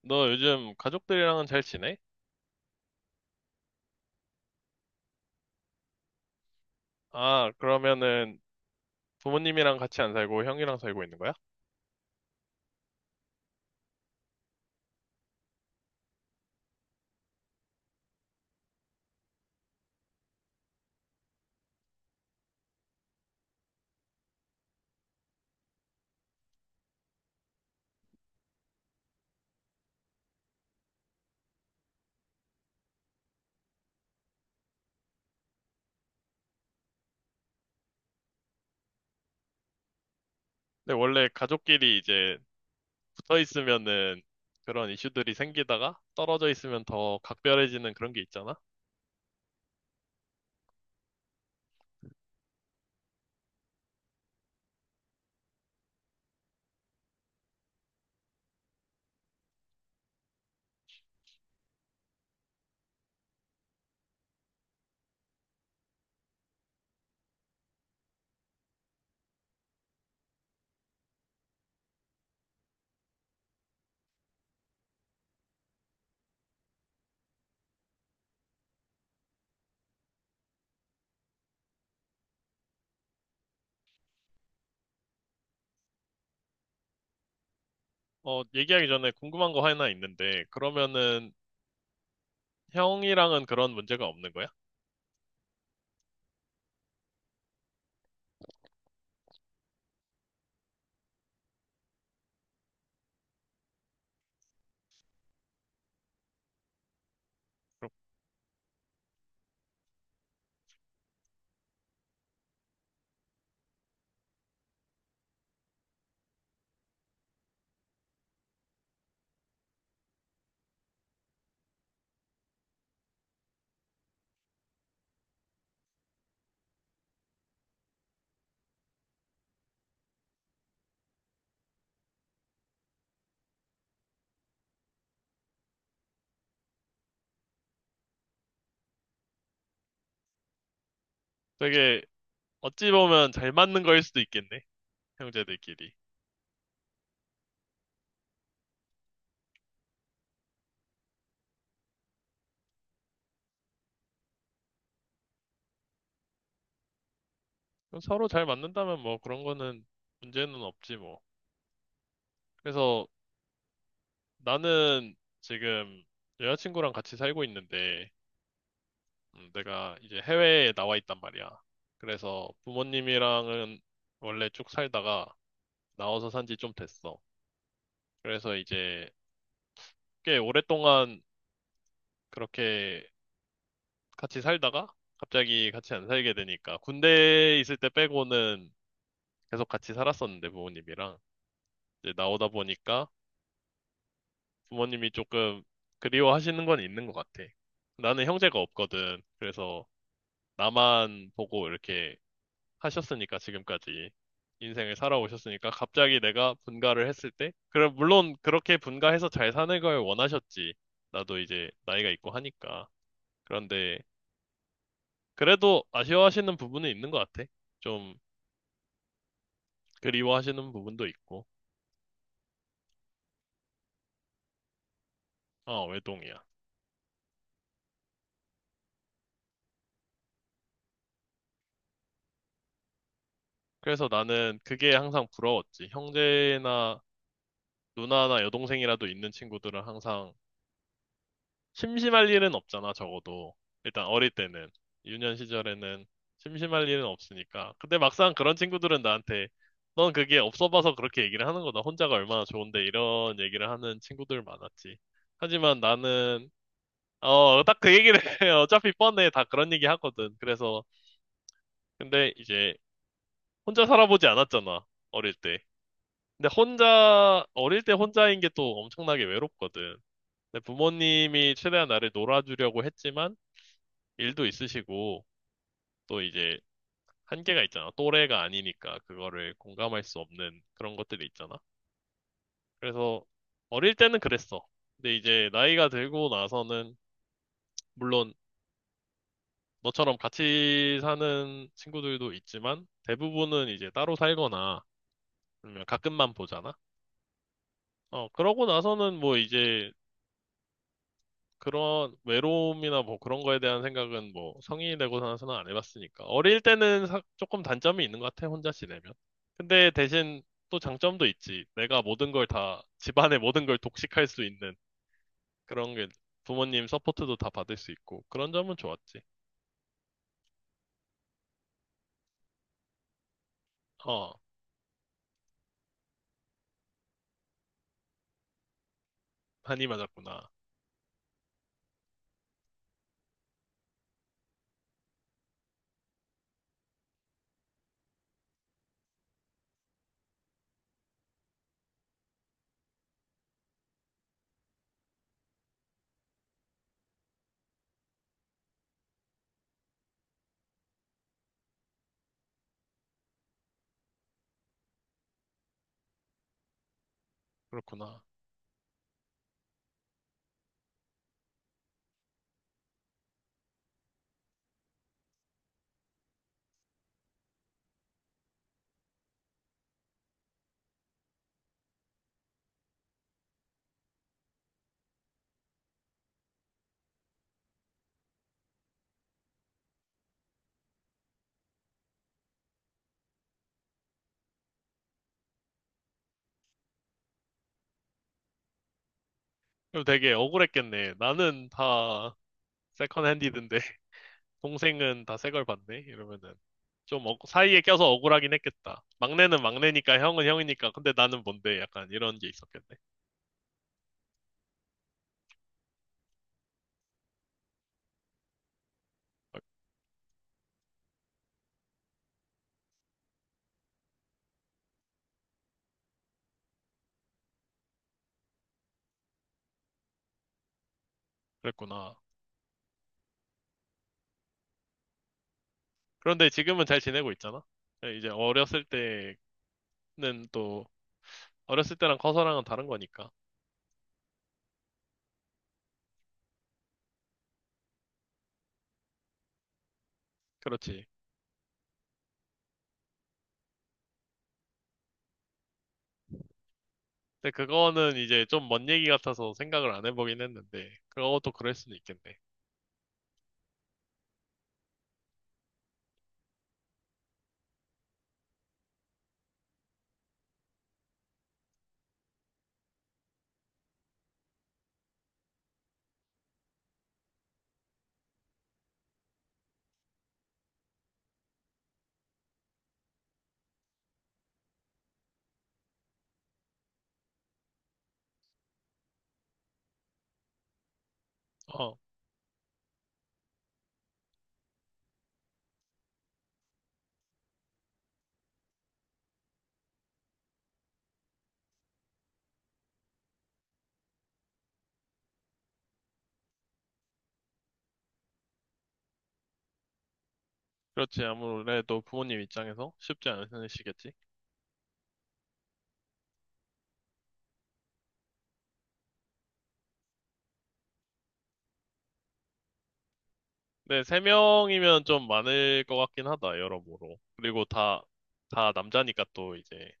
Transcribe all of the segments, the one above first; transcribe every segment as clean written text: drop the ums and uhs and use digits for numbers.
너 요즘 가족들이랑은 잘 지내? 아, 그러면은 부모님이랑 같이 안 살고 형이랑 살고 있는 거야? 근데 원래 가족끼리 이제 붙어 있으면은 그런 이슈들이 생기다가 떨어져 있으면 더 각별해지는 그런 게 있잖아? 어, 얘기하기 전에 궁금한 거 하나 있는데, 그러면은 형이랑은 그런 문제가 없는 거야? 되게 어찌 보면 잘 맞는 거일 수도 있겠네, 형제들끼리. 그럼 서로 잘 맞는다면 뭐 그런 거는 문제는 없지 뭐. 그래서 나는 지금 여자친구랑 같이 살고 있는데, 내가 이제 해외에 나와 있단 말이야. 그래서 부모님이랑은 원래 쭉 살다가 나와서 산지 좀 됐어. 그래서 이제 꽤 오랫동안 그렇게 같이 살다가 갑자기 같이 안 살게 되니까 군대에 있을 때 빼고는 계속 같이 살았었는데 부모님이랑 이제 나오다 보니까 부모님이 조금 그리워하시는 건 있는 것 같아. 나는 형제가 없거든. 그래서 나만 보고 이렇게 하셨으니까 지금까지 인생을 살아오셨으니까 갑자기 내가 분가를 했을 때 그럼 물론 그렇게 분가해서 잘 사는 걸 원하셨지. 나도 이제 나이가 있고 하니까. 그런데 그래도 아쉬워하시는 부분은 있는 것 같아. 좀 그리워하시는 부분도 있고. 아, 외동이야. 그래서 나는 그게 항상 부러웠지. 형제나 누나나 여동생이라도 있는 친구들은 항상 심심할 일은 없잖아, 적어도. 일단 어릴 때는. 유년 시절에는 심심할 일은 없으니까. 근데 막상 그런 친구들은 나한테 넌 그게 없어 봐서 그렇게 얘기를 하는 거다. 혼자가 얼마나 좋은데 이런 얘기를 하는 친구들 많았지. 하지만 나는 어, 딱 그 얘기를 해. 어차피 뻔해. 다 그런 얘기 하거든. 그래서 근데 이제 혼자 살아보지 않았잖아. 어릴 때. 근데 혼자 어릴 때 혼자인 게 또 엄청나게 외롭거든. 근데 부모님이 최대한 나를 놀아주려고 했지만 일도 있으시고 또 이제 한계가 있잖아. 또래가 아니니까 그거를 공감할 수 없는 그런 것들이 있잖아. 그래서 어릴 때는 그랬어. 근데 이제 나이가 들고 나서는 물론 너처럼 같이 사는 친구들도 있지만 대부분은 이제 따로 살거나 아니면 가끔만 보잖아. 어, 그러고 나서는 뭐 이제 그런 외로움이나 뭐 그런 거에 대한 생각은 뭐 성인이 되고 나서는 안 해봤으니까. 어릴 때는 조금 단점이 있는 것 같아, 혼자 지내면. 근데 대신 또 장점도 있지. 내가 모든 걸 다, 집안의 모든 걸 독식할 수 있는 그런 게 부모님 서포트도 다 받을 수 있고. 그런 점은 좋았지. 어, 한이 맞았구나. 그렇구나. 그리고 되게 억울했겠네. 나는 다 세컨 핸디든데 동생은 다 새걸 봤네? 이러면은. 좀 사이에 껴서 억울하긴 했겠다. 막내는 막내니까 형은 형이니까. 근데 나는 뭔데? 약간 이런 게 있었겠네. 아, 그랬구나. 그런데 지금은 잘 지내고 있잖아. 네, 이제 어렸을 때는 또 어렸을 때랑 커서랑은 다른 거니까. 그렇지. 근데 그거는 이제 좀 먼 얘기 같아서 생각을 안 해보긴 했는데 그것도 그럴 수는 있겠네. 어, 그렇지. 아무래도 부모님 입장에서 쉽지 않으시겠지. 네, 세 명이면 좀 많을 것 같긴 하다, 여러모로. 그리고 다, 다 남자니까 또 이제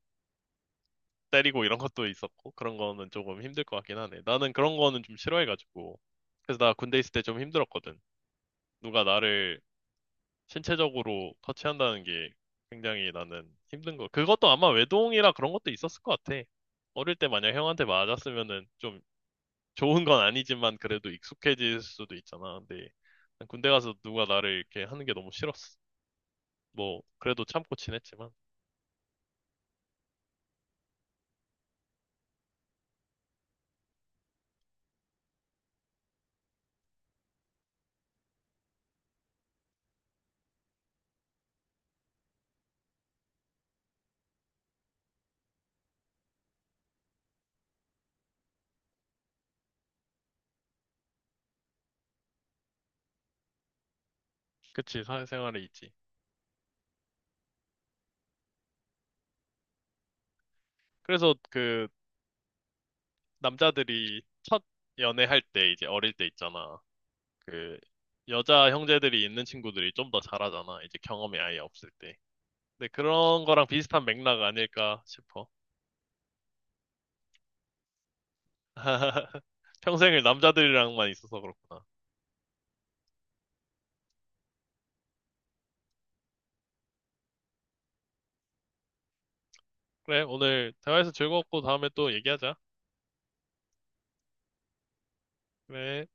때리고 이런 것도 있었고, 그런 거는 조금 힘들 것 같긴 하네. 나는 그런 거는 좀 싫어해가지고. 그래서 나 군대 있을 때 좀 힘들었거든. 누가 나를 신체적으로 터치한다는 게 굉장히 나는 힘든 거. 그것도 아마 외동이라 그런 것도 있었을 것 같아. 어릴 때 만약 형한테 맞았으면은 좀 좋은 건 아니지만 그래도 익숙해질 수도 있잖아. 근데 난 군대 가서 누가 나를 이렇게 하는 게 너무 싫었어. 뭐, 그래도 참고 지냈지만. 그치, 사회생활에 있지. 그래서 그, 남자들이 첫 연애할 때, 이제 어릴 때 있잖아. 그, 여자 형제들이 있는 친구들이 좀 더 잘하잖아. 이제 경험이 아예 없을 때. 근데 그런 거랑 비슷한 맥락 아닐까 싶어. 평생을 남자들이랑만 있어서 그렇구나. 그래, 오늘 대화해서 즐거웠고 다음에 또 얘기하자. 그래.